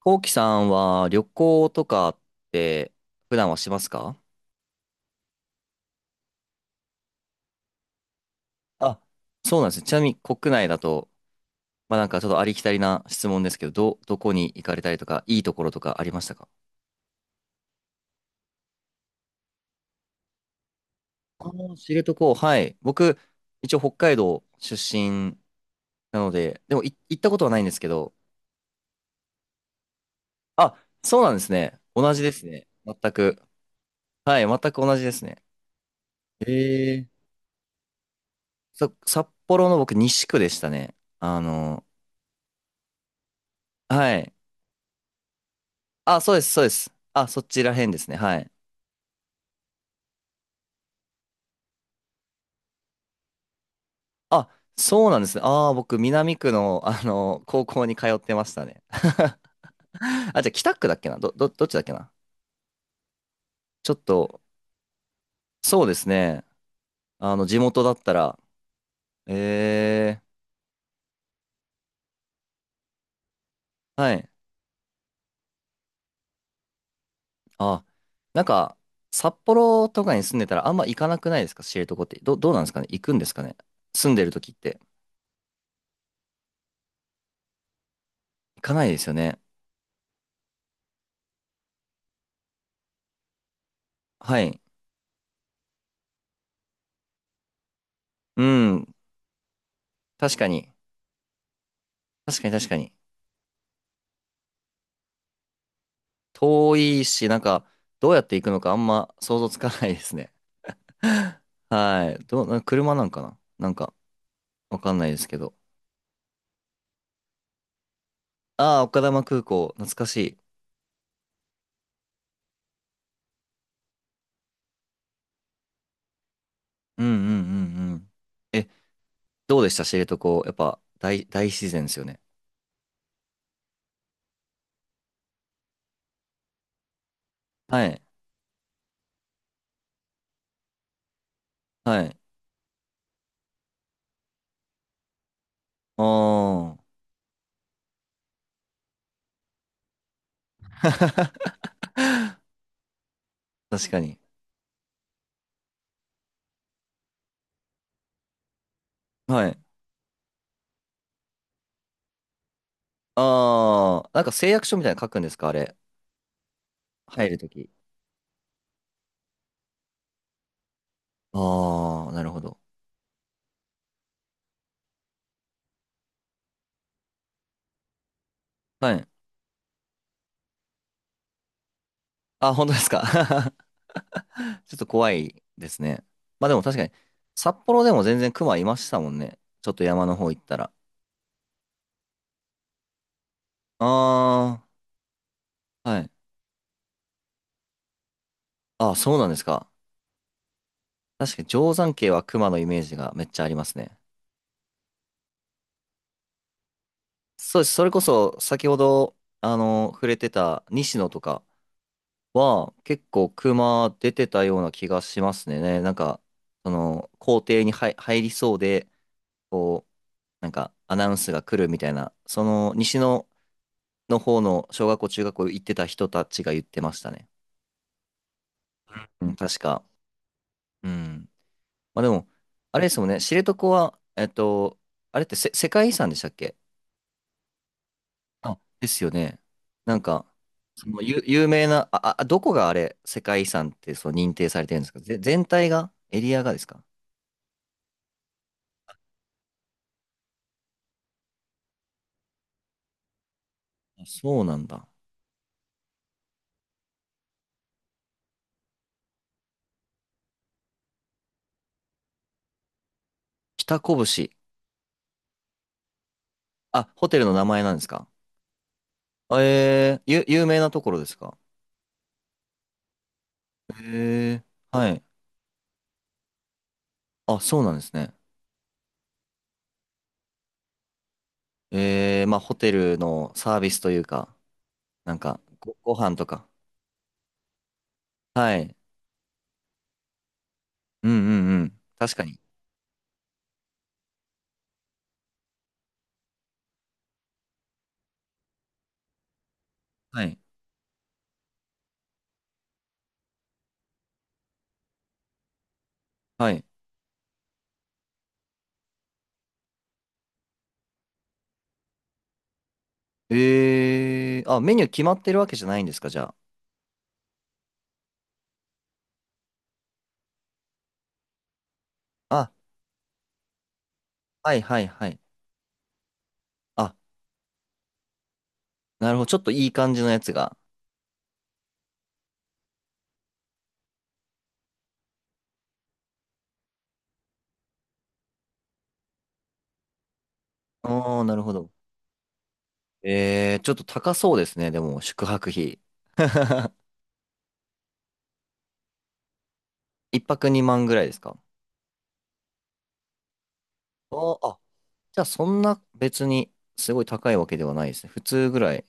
こうきさんは旅行とかって普段はしますか？あ、そうなんですね。ちなみに国内だと、ちょっとありきたりな質問ですけど、どこに行かれたりとか、いいところとかありましたか？ああー、知床、はい。僕、一応北海道出身なので、でも行ったことはないんですけど、あ、そうなんですね。同じですね、全く。はい、全く同じですね。えー。札幌の僕西区でしたね。はい。あ、そうです、そうです。あ、そちら辺ですね。はい。あ、そうなんですね。ああ、僕、南区の、高校に通ってましたね。あ、じゃあ、北区だっけな、どっちだっけな。ちょっと、そうですね。あの、地元だったら、えー、はい。あ、なんか、札幌とかに住んでたらあんま行かなくないですか、知床って。どうなんですかね、行くんですかね、住んでる時って。行かないですよね。はい。うん、確かに。確かに、確かに。遠いし、なんか、どうやって行くのかあんま想像つかないですね。はい。な、車なんかな、なんか、わかんないですけど。ああ、丘珠空港、懐かしい。うんうんうんうん。え、どうでした、知床。やっぱ、大自然ですよね。はい。はい。ああ。確かに。はい。ああ、なんか誓約書みたいなの書くんですか、あれ。入るとき。ああ、なるほど。はい。あ、本当ですか。ちょっと怖いですね。まあでも確かに、札幌でも全然熊いましたもんね。ちょっと山の方行ったら。ああ、はい。ああ、そうなんですか。確かに定山渓は熊のイメージがめっちゃありますね。そうです。それこそ先ほど、触れてた西野とかは結構熊出てたような気がしますね。ね、なんか、その、校庭に入りそうで、こう、なんかアナウンスが来るみたいな、その西野の方の小学校、中学校行ってた人たちが言ってましたね。うん、確か。うん。まあでも、あれですもんね、知床は、あれってせ世界遺産でしたっけ？あ、ですよね。なんか、その有名な、どこがあれ、世界遺産ってそう認定されてるんですか、全体がエリアがですか？あ、そうなんだ。北拳。あ、ホテルの名前なんですか？えー、有名なところですか？えー、はい。あ、そうなんですね。えー、まあ、ホテルのサービスというか、なんか、ご飯とか。はい。うんうんうん、確かに。はい。はい。えー、あ、メニュー決まってるわけじゃないんですか、じゃあ。あ、はいはいはい。あ、なるほど。ちょっといい感じのやつが。あー、なるほど。えー、ちょっと高そうですね、でも、宿泊費。一泊2万ぐらいですか？ああ、じゃあそんな別にすごい高いわけではないですね。普通ぐらい。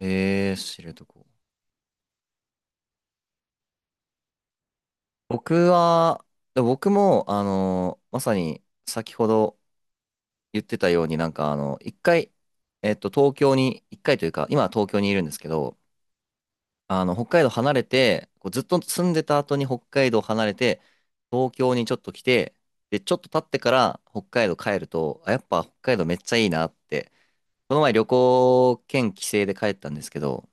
えー、知床。僕は、で僕も、まさに先ほど言ってたように、なんか、あの、一回、東京に、一回というか、今は東京にいるんですけど、あの、北海道離れて、こうずっと住んでた後に北海道離れて、東京にちょっと来て、で、ちょっと経ってから北海道帰ると、あ、やっぱ北海道めっちゃいいなって、この前旅行兼帰省で帰ったんですけど、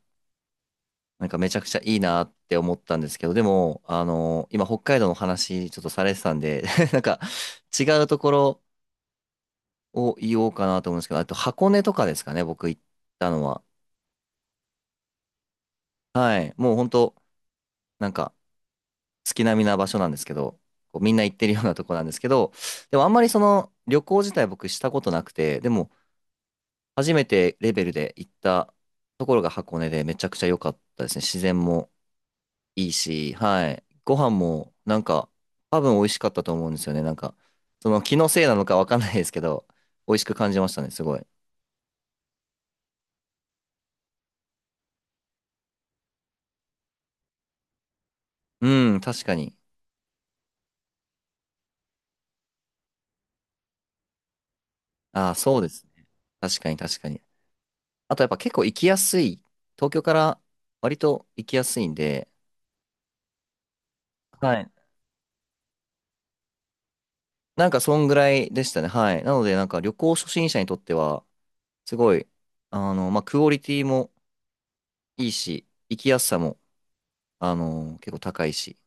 なんかめちゃくちゃいいなって思ったんですけど、でも、あの、今北海道の話ちょっとされてたんで、なんか違うところを言おうかなと思うんですけど、あと箱根とかですかね、僕行ったのは。はい。もう本当なんか月並みな場所なんですけど、こうみんな行ってるようなとこなんですけど、でもあんまりその旅行自体僕したことなくて、でも初めてレベルで行ったところが箱根でめちゃくちゃ良かったですね。自然もいいし、はい。ご飯も、なんか、多分美味しかったと思うんですよね。なんか、その気のせいなのかわかんないですけど、美味しく感じましたね、すごい。うん、確かに。ああ、そうですね。確かに、確かに。あと、やっぱ結構行きやすい。東京から割と行きやすいんで、はい。なんか、そんぐらいでしたね。はい。なので、なんか、旅行初心者にとっては、すごい、クオリティもいいし、行きやすさも、あの、結構高いし。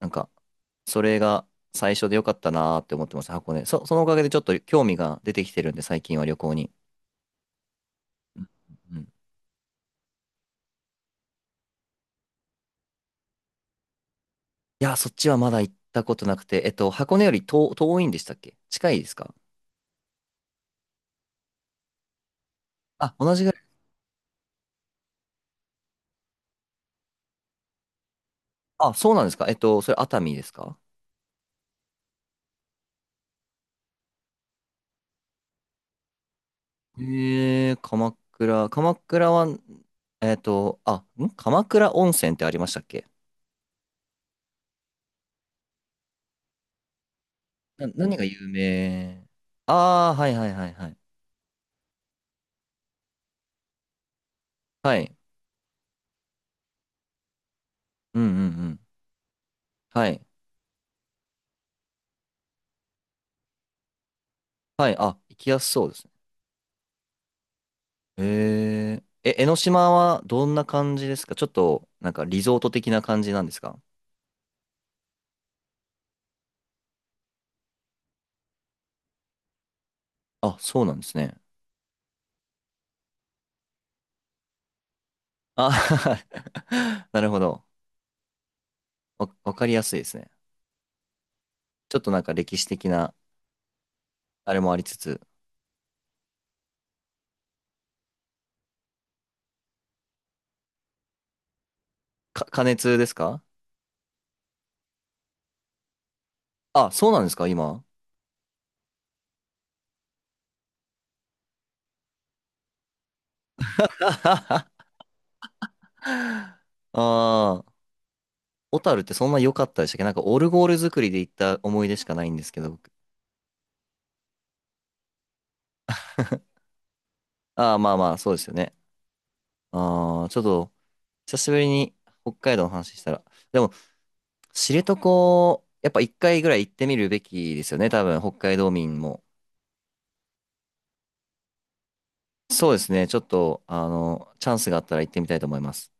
なんか、それが最初でよかったなーって思ってます、箱根。そのおかげでちょっと興味が出てきてるんで、最近は旅行に。うんうん。いや、そっちはまだ行ったことなくて、えっと、箱根より遠いんでしたっけ、近いですか？あ、同じぐらい。あ、そうなんですか。えっと、それ熱海ですか？えー、鎌倉。鎌倉は、えっと、あ、ん鎌倉温泉ってありましたっけ？何が有名。ああー、はいはいはいはい。はい。うんうんうん。はい。はい。あ、行きやすそうですね。えー、え、江ノ島はどんな感じですか、ちょっと、なんかリゾート的な感じなんですか？あ、そうなんですね。あ、なるほど。わかりやすいですね。ちょっとなんか歴史的なあれもありつつ、加熱ですか？あ、そうなんですか、今。ああ、小樽ってそんな良かったでしたっけ、なんかオルゴール作りで行った思い出しかないんですけど、僕。ああ、まあまあ、そうですよね。ああ、ちょっと、久しぶりに北海道の話したら、でも、知床、やっぱ一回ぐらい行ってみるべきですよね、多分、北海道民も。そうですね。ちょっと、あの、チャンスがあったら行ってみたいと思います。